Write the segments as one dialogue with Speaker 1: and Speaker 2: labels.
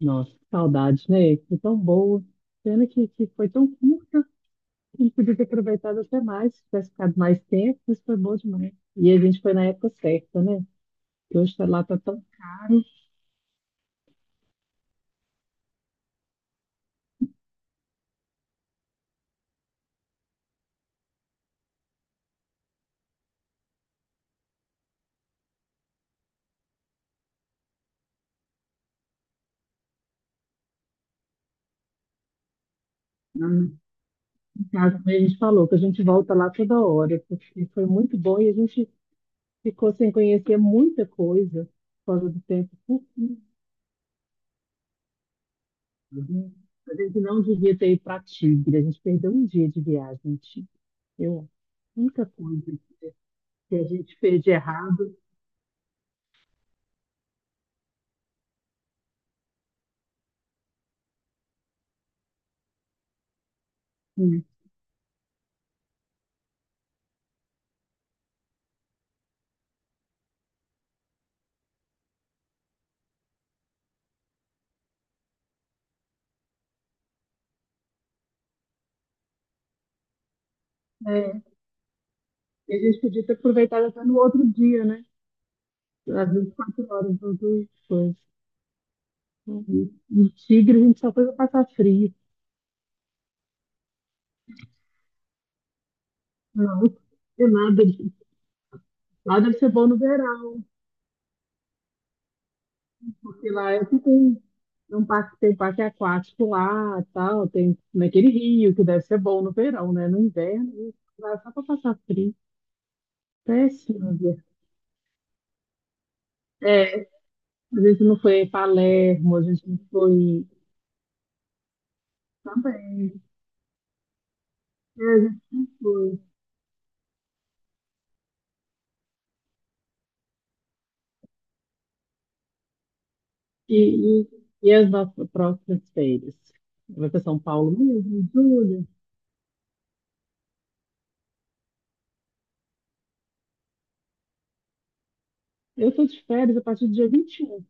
Speaker 1: Nossa, que saudades, né? Foi tão boa. Pena que foi tão curta, podia ter aproveitado até mais, se tivesse ficado mais tempo, isso foi bom demais. E a gente foi na época certa, né? Porque hoje tá lá, tá tão caro. Lá Em casa também a gente falou que a gente volta lá toda hora, porque foi muito bom e a gente ficou sem conhecer muita coisa por causa do tempo curtinho. A gente não devia ter ido para Tigre, a gente perdeu um dia de viagem, em Tigre. Eu, a única coisa que a gente fez de errado, né? É, e a gente podia ter aproveitado até no outro dia, né? Às 24 horas, as duas coisas. E Tigre, a gente só foi pra passar frio. Não, é nada. Lá deve ser bom no verão, porque lá é que tem um parque aquático lá, tal, tem naquele rio, que deve ser bom no verão, né? No inverno, a gente vai só pra passar frio. Péssimo, né? É, a gente não foi em Palermo, a gente não foi também. É, a gente não foi. E, e, e as nossas próximas férias? Vai para São Paulo mesmo, em julho? Eu estou de férias a partir do dia 21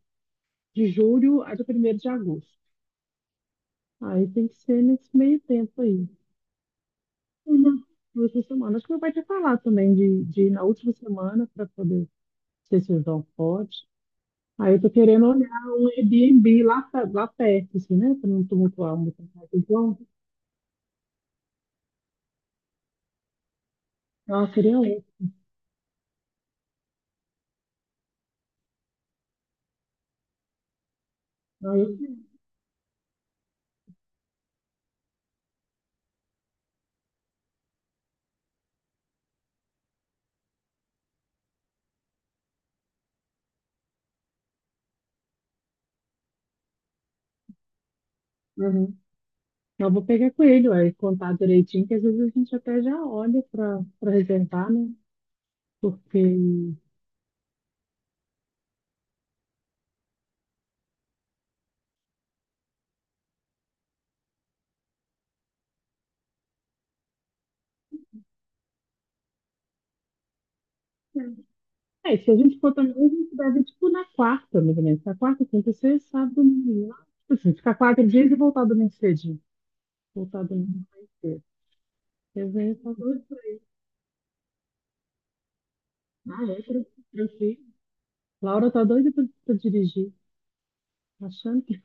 Speaker 1: de julho a dia primeiro de agosto. Aí tem que ser nesse meio tempo aí. Uma, duas por semana. Acho que meu pai tinha falado também de ir na última semana para poder, não sei se o João pode. Aí eu tô querendo olhar um Airbnb lá, lá perto, assim, né? Para não tumultuar muito a casa do João. Ah, eu queria ler. Aí eu, Não, vou pegar com ele, ué, contar direitinho, que às vezes a gente até já olha para reservar, né? Porque. É, se a gente for também, a gente deve, tipo, na quarta, mais ou menos. Na quarta, quinta, sexta, sábado, domingo, lá. Tipo assim, ficar quatro dias e voltar domingo cedinho. Voltar domingo mais cedo. Às vezes tá doido por aí. Ah, é, tranquilo. Laura tá doida pra dirigir. Achando que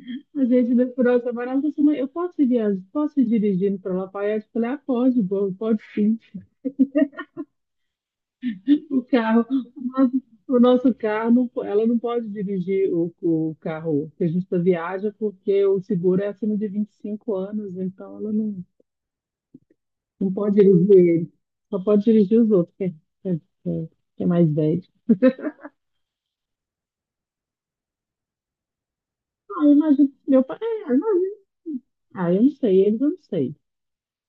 Speaker 1: a gente deu por outra semana, ela falou assim: "Mãe, eu posso ir viajar, posso ir dirigindo pra Lafayette?" Eu falei: "Ah, pode, boa, pode sim." O carro, o nosso, o nosso carro, ela não pode dirigir o carro que a gente tá viaja, porque o seguro é acima de 25 anos, então ela não pode dirigir ele. Só pode dirigir os outros, que é mais velho. Ah, eu imagino que meu pai. É, eu imagino. Ah, eu não sei, eles eu não sei.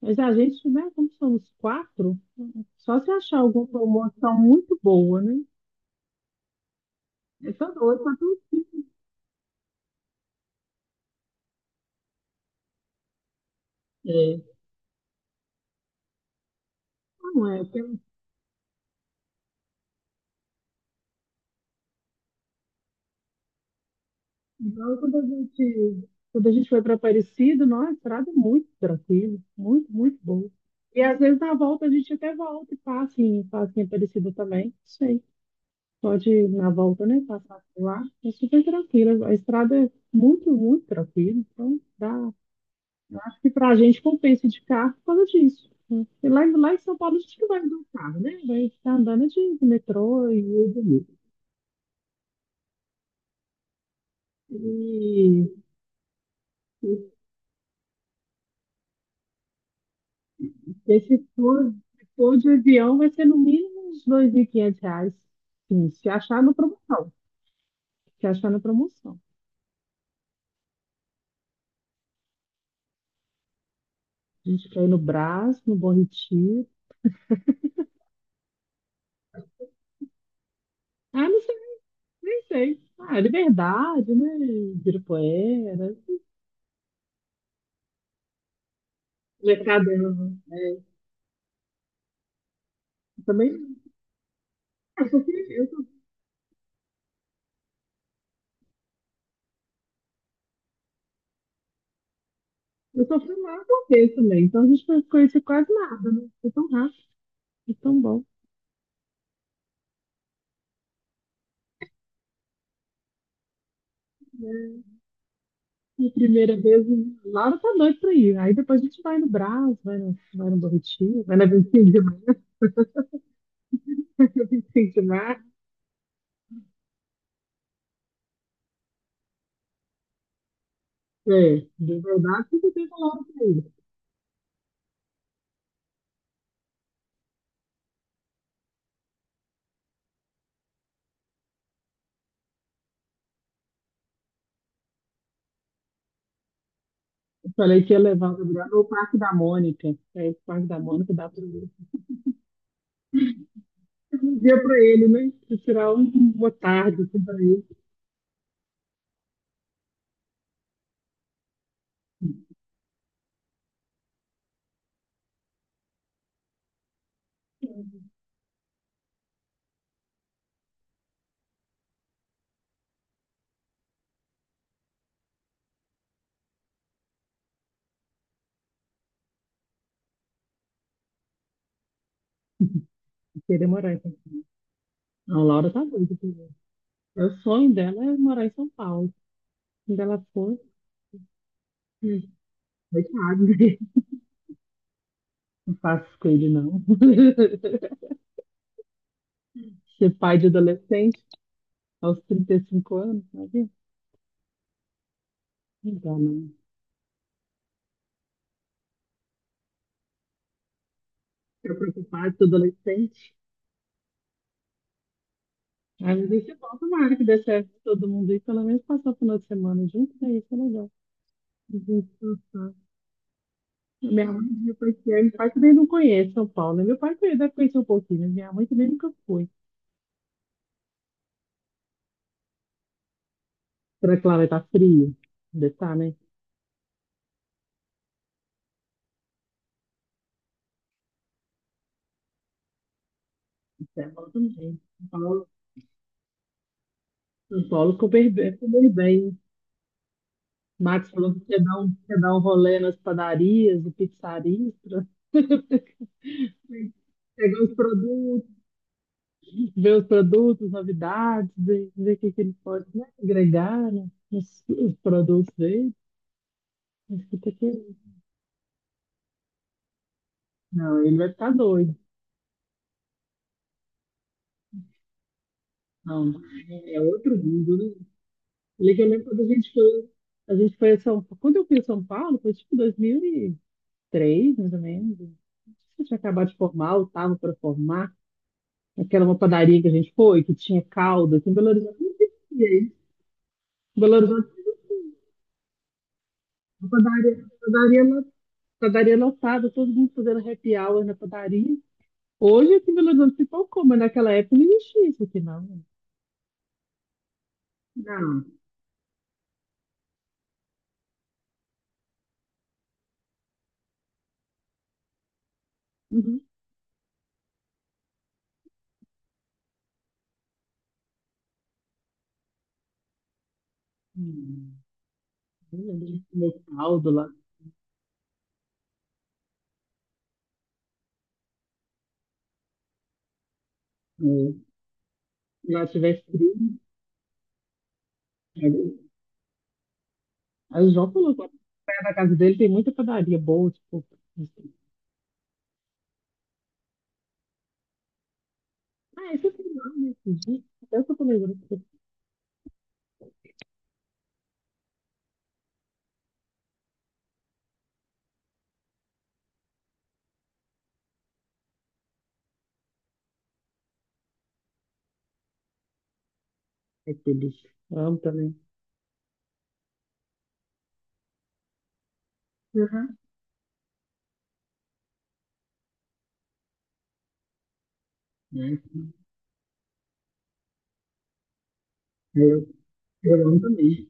Speaker 1: Mas a gente, né, como somos quatro, só se achar alguma promoção muito boa, né? Eu tô doida, tá tudo certo. Não é. Então, quando a gente foi para Aparecida, nossa, a estrada é muito tranquila, muito, muito boa. E às vezes na volta a gente até volta e passa em Aparecida também, não sei. Pode ir na volta, né, passar por lá. É super tranquila, a estrada é muito, muito tranquila. Então, dá, acho que para a gente compensa de carro por causa disso, né? E lá, lá em São Paulo a gente não vai andar de carro, né? Vai ficar andando de metrô e Uber. E esse tour de avião vai ser no mínimo uns R$ 2.500. Sim, se achar no promoção. Se achar na promoção. A gente quer ir no Brás, no Bom Retiro. Ah, não sei, nem sei. Ah, Liberdade, né? Ibirapuera, Mercadão. É, também, eu só fui, eu só, eu só fui lá uma vez também. Então a gente não conhece quase nada, né? Foi tão rápido, foi tão bom. É. A primeira vez, Laura tá doido pra ir. Aí depois a gente vai no Brás, vai no Borritinho, vai na 25 de março. 25 de março. É, de verdade, você tem a Laura pra ir. Eu falei que ia levar o Brás no Parque da Mônica. É, o Parque da Mônica dá pra ir. Um dia pra ele, né? Pra tirar uma tarde assim, pra ele. Querer morar em São Paulo. Não, a Laura tá doida pra ir. É. O sonho dela é morar em São Paulo. Quando ela for, hum, coitado, né? Não faço isso com ele, não. Ser pai de adolescente aos 35 anos, sabe? Não dá, não. Ficar preocupado com adolescente. Ai, mas isso é bom, tomara que dê certo pra todo mundo aí, pelo menos passar o final de semana junto, daí isso é legal. A gente descansar. Minha mãe depois que é, meu pai também não conhece São Paulo, né? Meu pai conhece, deve conhecer um pouquinho, mas minha mãe também nunca foi. Será que lá vai estar frio? Deve estar, né? Isso é bom também. São Paulo ficou bem. Max falou que quer dar um, rolê nas padarias e pizzarias pra pegar os produtos, ver os produtos, novidades, ver o que, que ele pode, né, agregar, né, os produtos dele. Acho que tá querendo. Não, ele vai ficar doido. Não, é outro mundo, né? Ele é que eu lembro quando a gente foi a São Paulo. Quando eu fui a São Paulo, foi tipo 2003, mais ou menos. Acho que eu tinha acabado de formar, ou estava para formar. Aquela uma padaria que a gente foi, que tinha calda, que em Belo Horizonte não existia isso. Em Belo Horizonte, a padaria lá padaria lotada, todo mundo fazendo happy hour na padaria. Hoje aqui em Belo Horizonte se tocou, mas naquela época não existia isso aqui, não. Não. Uhum. hum, Eu lembro de comer caldo lá. É. Lá tivesse frio, né? Aí o João falou que perto da casa dele tem muita padaria boa, tipo, assim. Ah, esse é o né? Esse dia. Até eu tô comendo. É delícia. Eu amo também. Aham, né? Eu, eu amo também.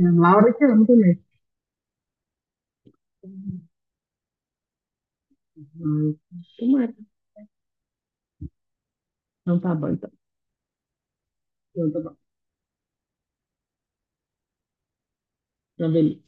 Speaker 1: É, a Laura que amo também. Mas, Tomara. Não tá bom. Pronto, tá bom. Então, beleza.